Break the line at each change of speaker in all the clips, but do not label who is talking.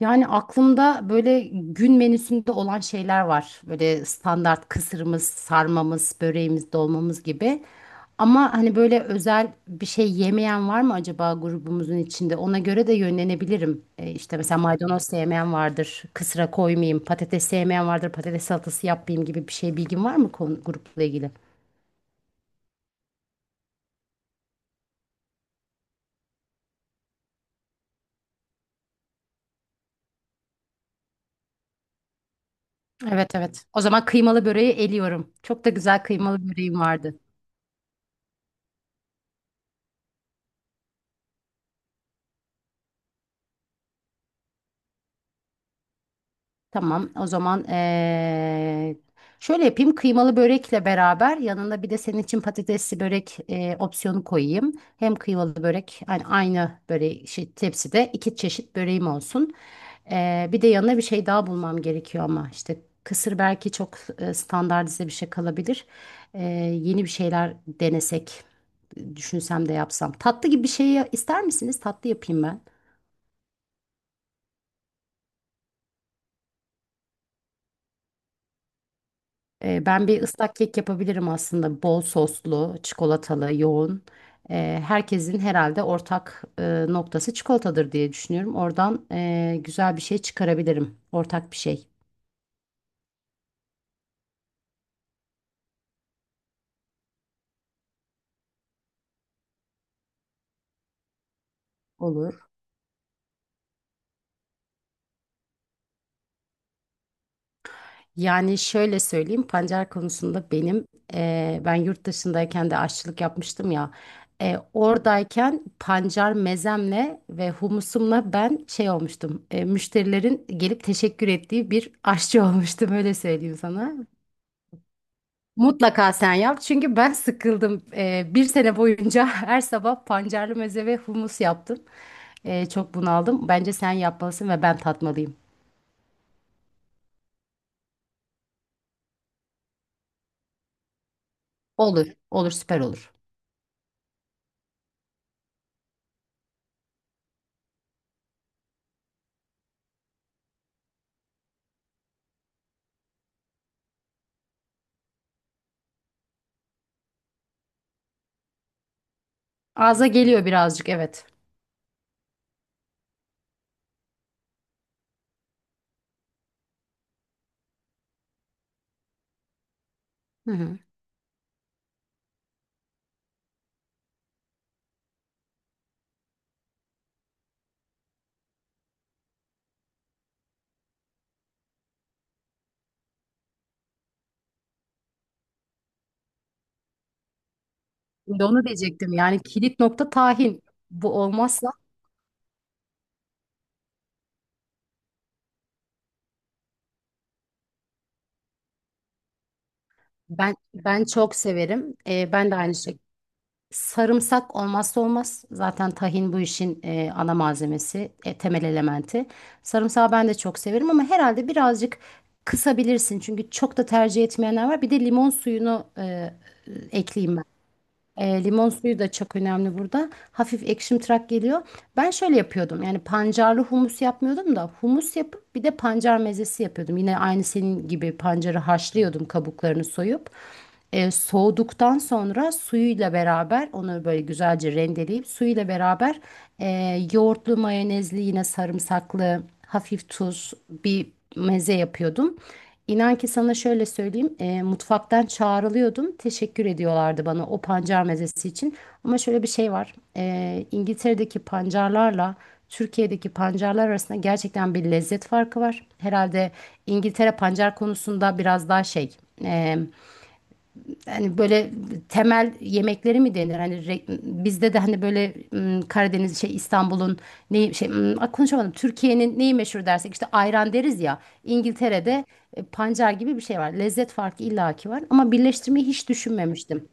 Yani aklımda böyle gün menüsünde olan şeyler var. Böyle standart kısırımız, sarmamız, böreğimiz, dolmamız gibi. Ama hani böyle özel bir şey yemeyen var mı acaba grubumuzun içinde? Ona göre de yönlenebilirim. İşte mesela maydanoz sevmeyen vardır, kısra koymayayım, patates sevmeyen vardır, patates salatası yapmayayım gibi bir şey bilgin var mı konu, grupla ilgili? Evet, evet. O zaman kıymalı böreği eliyorum. Çok da güzel kıymalı böreğim vardı. Tamam, o zaman şöyle yapayım. Kıymalı börekle beraber yanında bir de senin için patatesli börek opsiyonu koyayım. Hem kıymalı börek yani aynı böreği şey, tepside iki çeşit böreğim olsun. Bir de yanına bir şey daha bulmam gerekiyor ama işte kısır belki çok standartize bir şey kalabilir. Eee, Yeni bir şeyler denesek, düşünsem de yapsam. Tatlı gibi bir şey ister misiniz? Tatlı yapayım ben. Ben bir ıslak kek yapabilirim aslında. Bol soslu, çikolatalı, yoğun. Herkesin herhalde ortak noktası çikolatadır diye düşünüyorum. Oradan güzel bir şey çıkarabilirim. Ortak bir şey olur. Yani şöyle söyleyeyim, pancar konusunda ben yurt dışındayken de aşçılık yapmıştım ya. E, oradayken pancar mezemle ve humusumla ben şey olmuştum. Müşterilerin gelip teşekkür ettiği bir aşçı olmuştum öyle söyleyeyim sana. Mutlaka sen yap çünkü ben sıkıldım. Bir sene boyunca her sabah pancarlı meze ve humus yaptım. Çok bunaldım. Bence sen yapmalısın ve ben tatmalıyım. Olur, olur, süper olur. Ağza geliyor birazcık, evet. Hı hı. Şimdi onu diyecektim. Yani kilit nokta tahin. Bu olmazsa ben çok severim. Ben de aynı şekilde. Sarımsak olmazsa olmaz. Zaten tahin bu işin ana malzemesi, temel elementi. Sarımsağı ben de çok severim ama herhalde birazcık kısabilirsin. Çünkü çok da tercih etmeyenler var. Bir de limon suyunu ekleyeyim, limon suyu da çok önemli burada. Hafif ekşimtırak geliyor. Ben şöyle yapıyordum. Yani pancarlı humus yapmıyordum da humus yapıp bir de pancar mezesi yapıyordum. Yine aynı senin gibi pancarı haşlıyordum kabuklarını soyup. Soğuduktan sonra suyuyla beraber onu böyle güzelce rendeleyip suyuyla beraber, yoğurtlu, mayonezli, yine sarımsaklı, hafif tuz bir meze yapıyordum. İnan ki sana şöyle söyleyeyim, mutfaktan çağrılıyordum. Teşekkür ediyorlardı bana o pancar mezesi için. Ama şöyle bir şey var. E, İngiltere'deki pancarlarla Türkiye'deki pancarlar arasında gerçekten bir lezzet farkı var. Herhalde İngiltere pancar konusunda biraz daha şey, e, yani böyle temel yemekleri mi denir? Hani bizde de hani böyle, Karadeniz şey, İstanbul'un neyi, ah, konuşamadım. Türkiye'nin neyi meşhur dersek işte ayran deriz ya. İngiltere'de pancar gibi bir şey var. Lezzet farkı illaki var ama birleştirmeyi hiç düşünmemiştim.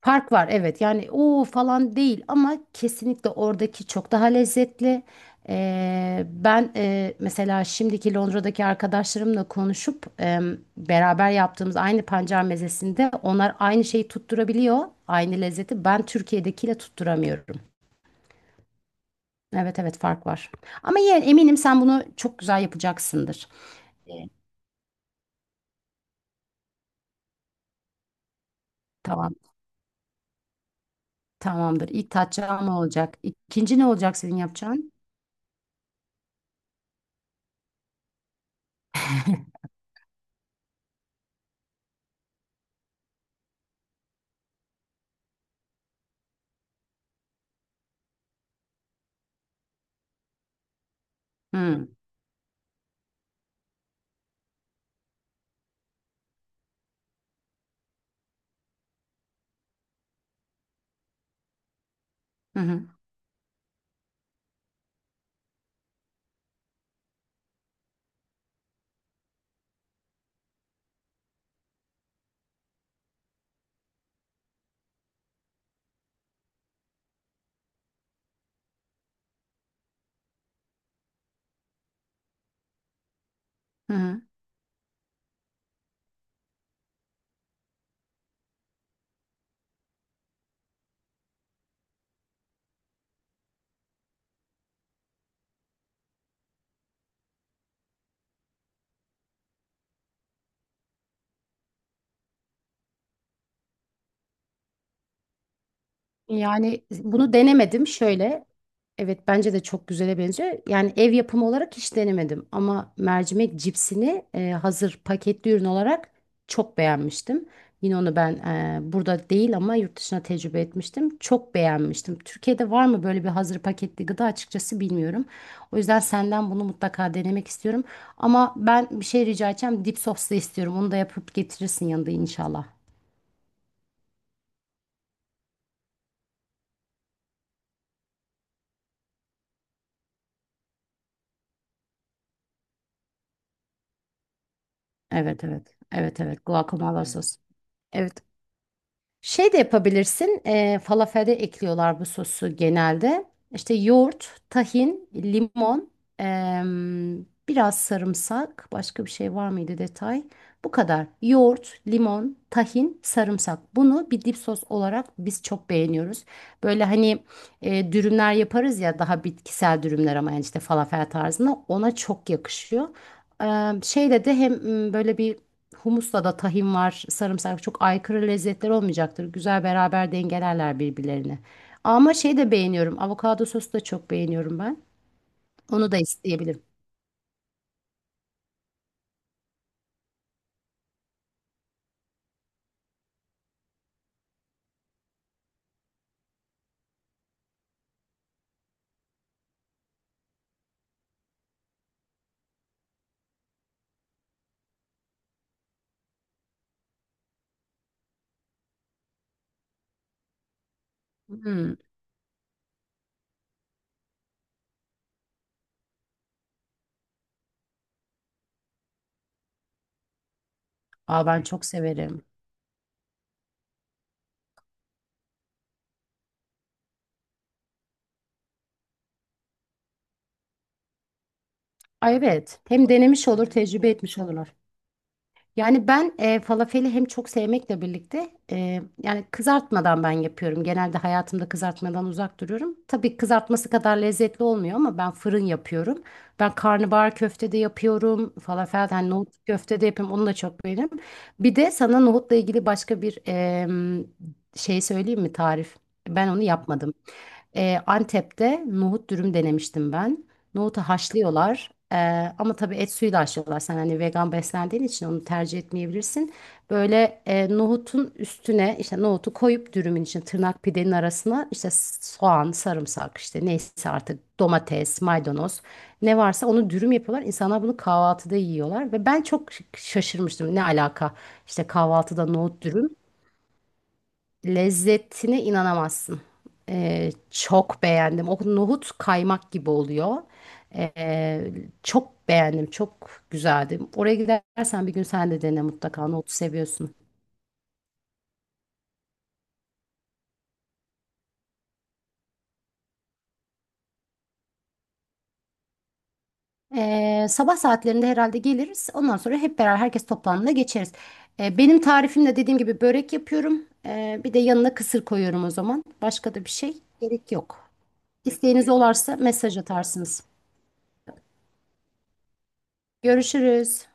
Fark var, evet, yani o falan değil ama kesinlikle oradaki çok daha lezzetli. Mesela şimdiki Londra'daki arkadaşlarımla konuşup, beraber yaptığımız aynı pancar mezesinde onlar aynı şeyi tutturabiliyor, aynı lezzeti. Ben Türkiye'dekiyle tutturamıyorum. Evet, evet, fark var. Ama yine eminim sen bunu çok güzel yapacaksındır. E, Tamam, tamamdır. İlk tatçağın ne olacak? İkinci ne olacak senin yapacağın? Hı hı hı. Hı. Yani bunu denemedim şöyle. Evet bence de çok güzele benziyor. Yani ev yapımı olarak hiç denemedim ama mercimek cipsini hazır paketli ürün olarak çok beğenmiştim. Yine onu ben, burada değil ama yurt dışına tecrübe etmiştim. Çok beğenmiştim. Türkiye'de var mı böyle bir hazır paketli gıda açıkçası bilmiyorum. O yüzden senden bunu mutlaka denemek istiyorum. Ama ben bir şey rica edeceğim. Dip soslu istiyorum. Onu da yapıp getirirsin yanında inşallah. Evet, evet. Evet, evet. Guacamole sos. Evet. Şey de yapabilirsin. E, falafelde ekliyorlar bu sosu genelde. İşte yoğurt, tahin, limon, biraz sarımsak. Başka bir şey var mıydı detay? Bu kadar. Yoğurt, limon, tahin, sarımsak. Bunu bir dip sos olarak biz çok beğeniyoruz. Böyle hani, dürümler yaparız ya, daha bitkisel dürümler, ama yani işte falafel tarzında ona çok yakışıyor. Şeyle de hem, böyle bir humusla da tahin var, sarımsak, çok aykırı lezzetler olmayacaktır. Güzel beraber dengelerler birbirlerini. Ama şey de beğeniyorum. Avokado sosu da çok beğeniyorum ben. Onu da isteyebilirim. Hmm. Aa, ben çok severim. Ay, evet. Hem denemiş olur, tecrübe etmiş olurlar. Yani ben falafeli hem çok sevmekle birlikte, yani kızartmadan ben yapıyorum. Genelde hayatımda kızartmadan uzak duruyorum. Tabii kızartması kadar lezzetli olmuyor ama ben fırın yapıyorum. Ben karnabahar köfte de yapıyorum. Falafel yani nohut köfte de yapıyorum. Onu da çok beğeniyorum. Bir de sana nohutla ilgili başka bir şey söyleyeyim mi tarif? Ben onu yapmadım. Antep'te nohut dürüm denemiştim ben. Nohutu haşlıyorlar. Ama tabii et suyuyla haşlıyorlar. Sen hani vegan beslendiğin için onu tercih etmeyebilirsin. Böyle, nohutun üstüne işte nohutu koyup dürümün için tırnak pidenin arasına işte soğan, sarımsak, işte neyse artık, domates, maydanoz, ne varsa onu dürüm yapıyorlar. İnsanlar bunu kahvaltıda yiyorlar ve ben çok şaşırmıştım. Ne alaka? İşte kahvaltıda nohut dürüm. Lezzetine inanamazsın. Çok beğendim. O nohut kaymak gibi oluyor. Ee, Çok beğendim. Çok güzeldi. Oraya gidersen bir gün sen de dene mutlaka. Nohutu seviyorsun. Sabah saatlerinde herhalde geliriz. Ondan sonra hep beraber herkes toplandığında geçeriz. Benim tarifimle dediğim gibi börek yapıyorum. Bir de yanına kısır koyuyorum o zaman. Başka da bir şey gerek yok. İsteğiniz olarsa mesaj atarsınız. Görüşürüz.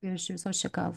Görüşürüz. Hoşça kal.